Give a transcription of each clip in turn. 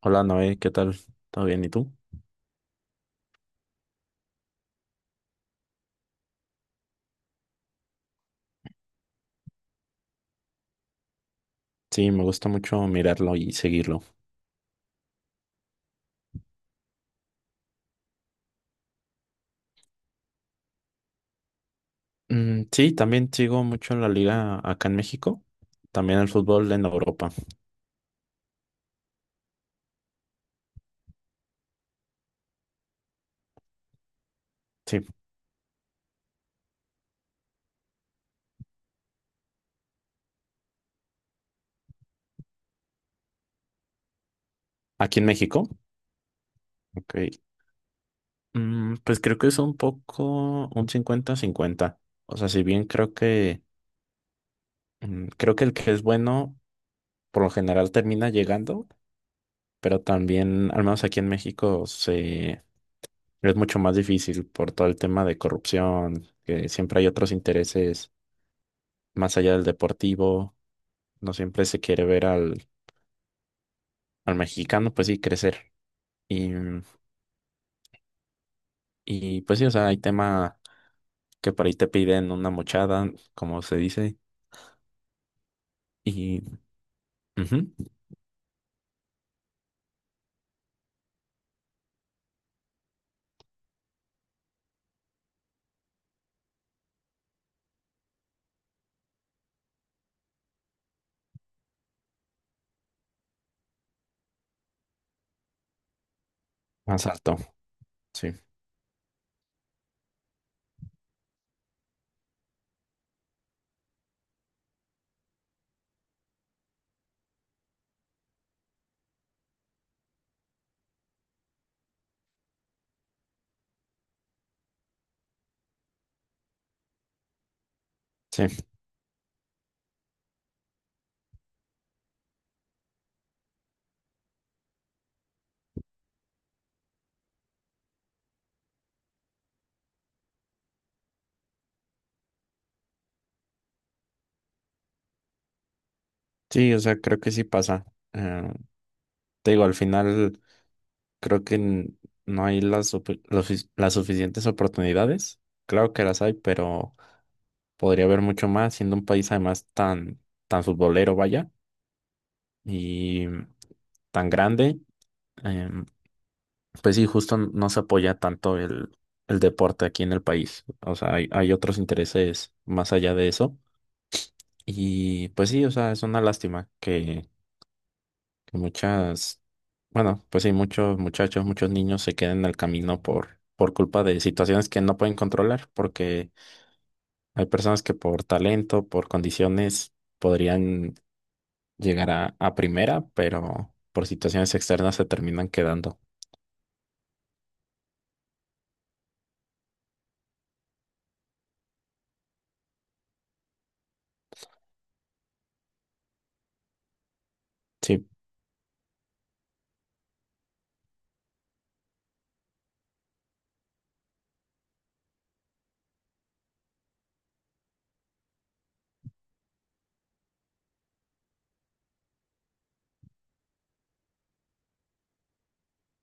Hola Noé, ¿qué tal? ¿Todo bien? ¿Y tú? Sí, me gusta mucho mirarlo y seguirlo. Sí, también sigo mucho la liga acá en México, también el fútbol en Europa. Sí, aquí en México. Ok. Pues creo que es un poco un cincuenta-cincuenta. O sea, si bien creo que creo que el que es bueno por lo general termina llegando, pero también, al menos aquí en México, se es mucho más difícil por todo el tema de corrupción, que siempre hay otros intereses más allá del deportivo, no siempre se quiere ver al mexicano, pues sí, crecer. Y, y pues sí, o sea, hay tema que por ahí te piden una mochada, como se dice, y ujú, más alto, sí, sí, sí, o sea, creo que sí pasa. Eh, Te digo, al final creo que no hay las suficientes oportunidades, claro que las hay, pero podría haber mucho más, siendo un país además tan, tan futbolero, vaya, y tan grande. Em, Pues sí, justo no se apoya tanto el deporte aquí en el país. O sea, hay otros intereses más allá de eso. Y pues sí, o sea, es una lástima que pues sí, muchos muchachos, muchos niños se queden en el camino por culpa de situaciones que no pueden controlar, porque hay personas que por talento, por condiciones, podrían llegar a primera, pero por situaciones externas se terminan quedando. Sí,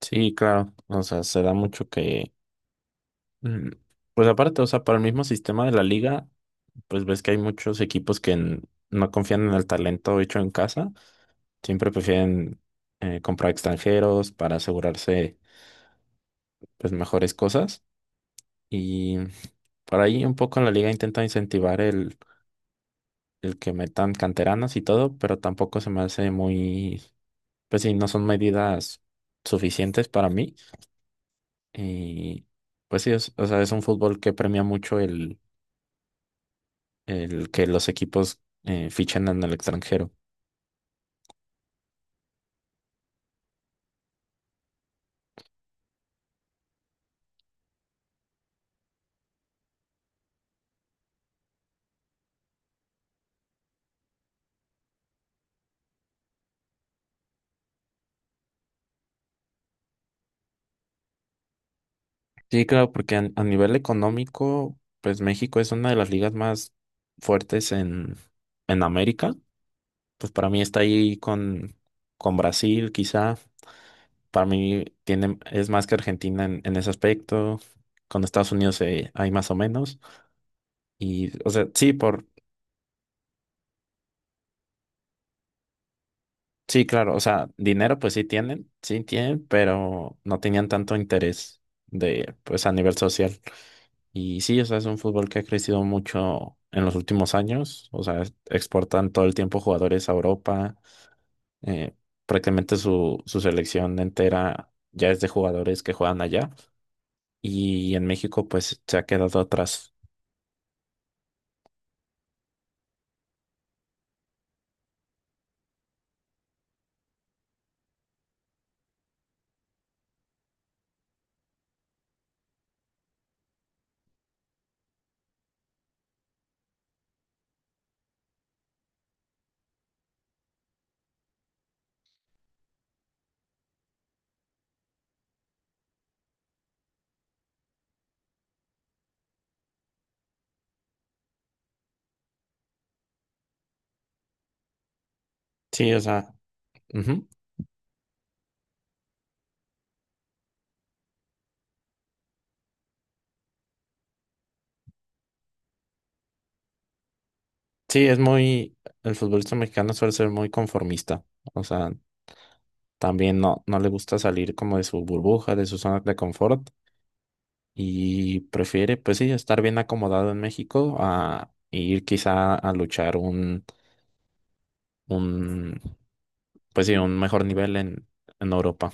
sí, claro. O sea, se da mucho que Mm, pues aparte, o sea, para el mismo sistema de la liga, pues ves que hay muchos equipos que no confían en el talento hecho en casa, siempre prefieren comprar extranjeros para asegurarse pues mejores cosas y por ahí un poco en la liga intenta incentivar el que metan canteranas y todo, pero tampoco se me hace muy, pues sí, no son medidas suficientes para mí y pues sí, o sea, es un fútbol que premia mucho el que los equipos fichan en el extranjero. Sí, claro, porque a nivel económico, pues México es una de las ligas más fuertes en América. Pues para mí está ahí con Brasil, quizá. Para mí es más que Argentina en ese aspecto. Con Estados Unidos hay más o menos. Y, o sea, sí, por, sí, claro, o sea, dinero pues sí tienen, pero no tenían tanto interés de, pues a nivel social. Y sí, o sea, es un fútbol que ha crecido mucho en los últimos años. O sea, exportan todo el tiempo jugadores a Europa. eh, Prácticamente su selección entera ya es de jugadores que juegan allá. Y en México, pues, se ha quedado atrás. Sí, o sea, ujú. Sí, es muy, el futbolista mexicano suele ser muy conformista. O sea, también no, no le gusta salir como de su burbuja, de su zona de confort. Y prefiere, pues sí, estar bien acomodado en México a ir quizá a luchar un, pues sí, un mejor nivel en Europa.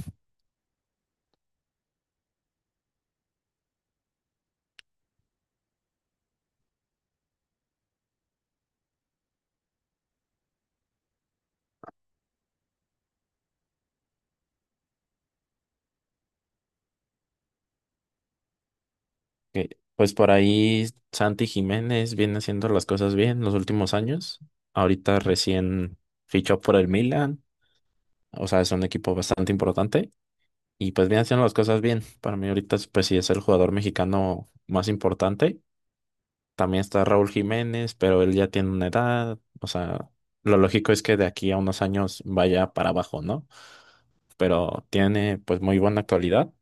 Que, pues por ahí Santi Jiménez viene haciendo las cosas bien los últimos años. Ahorita recién fichó por el Milan, o sea, es un equipo bastante importante y pues viene haciendo las cosas bien. Para mí ahorita, es, pues sí, es el jugador mexicano más importante. También está Raúl Jiménez, pero él ya tiene una edad. O sea, lo lógico es que de aquí a unos años vaya para abajo, ¿no? Pero tiene pues muy buena actualidad.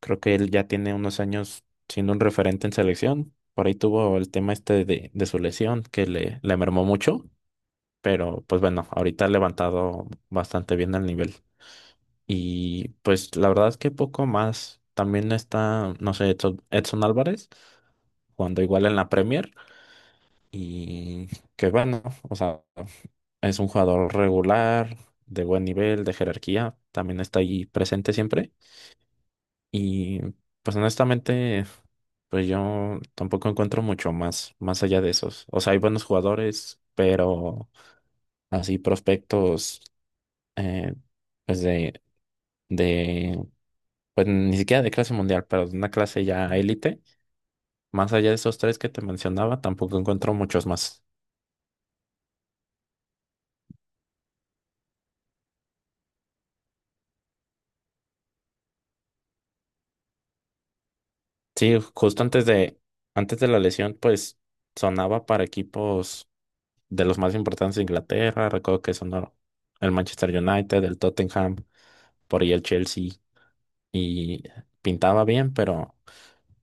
Creo que él ya tiene unos años siendo un referente en selección. Por ahí tuvo el tema este de su lesión que le mermó mucho. Pero pues bueno, ahorita ha levantado bastante bien el nivel. Y pues la verdad es que poco más. También está, no sé, Edson Álvarez, cuando igual en la Premier. Y que bueno, o sea, es un jugador regular, de buen nivel, de jerarquía, también está ahí presente siempre. Y pues honestamente, pues yo tampoco encuentro mucho más, más allá de esos. O sea, hay buenos jugadores, pero así prospectos, eh, pues de, pues ni siquiera de clase mundial, pero de una clase ya élite. Más allá de esos tres que te mencionaba, tampoco encuentro muchos más. Sí, justo antes de la lesión, pues sonaba para equipos de los más importantes de Inglaterra. Recuerdo que sonó el Manchester United, el Tottenham, por ahí el Chelsea. Y pintaba bien, pero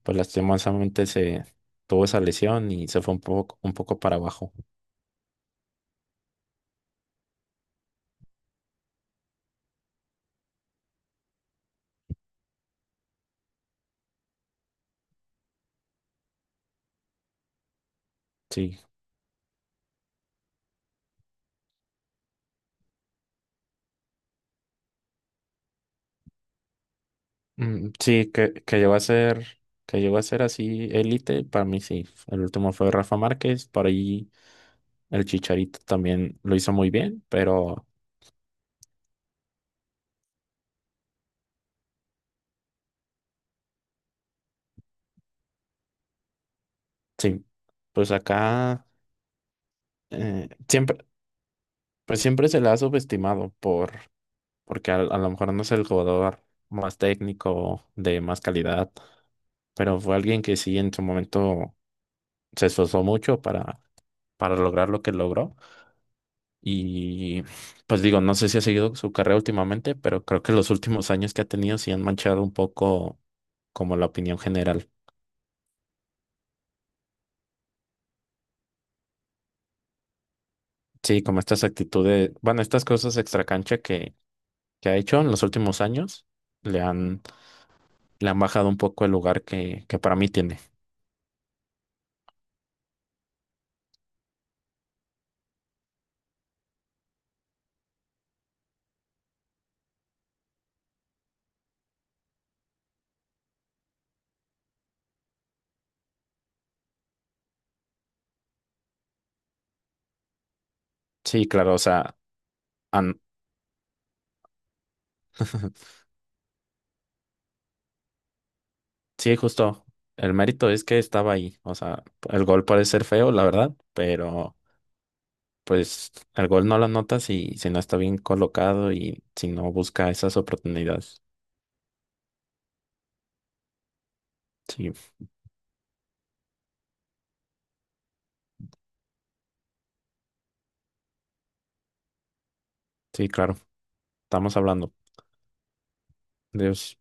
pues lastimosamente se tuvo esa lesión y se fue un poco para abajo. Sí, sí, que llegó a ser, que llegó a ser así élite, para mí sí. El último fue Rafa Márquez, por ahí el Chicharito también lo hizo muy bien, pero sí, pues acá siempre, pues siempre se le ha subestimado por, porque a lo mejor no es el jugador más técnico, de más calidad, pero fue alguien que sí en su momento se esforzó mucho para lograr lo que logró. Y pues digo, no sé si ha seguido su carrera últimamente, pero creo que los últimos años que ha tenido sí han manchado un poco como la opinión general. Sí, como estas actitudes, bueno, estas cosas extracancha que ha hecho en los últimos años, le han, le han bajado un poco el lugar que para mí tiene. Sí, claro, o sea, han- sí, justo. El mérito es que estaba ahí. O sea, el gol puede ser feo, la verdad, pero pues el gol no lo notas si, si no está bien colocado y si no busca esas oportunidades. Sí, sí, claro. Estamos hablando. Dios.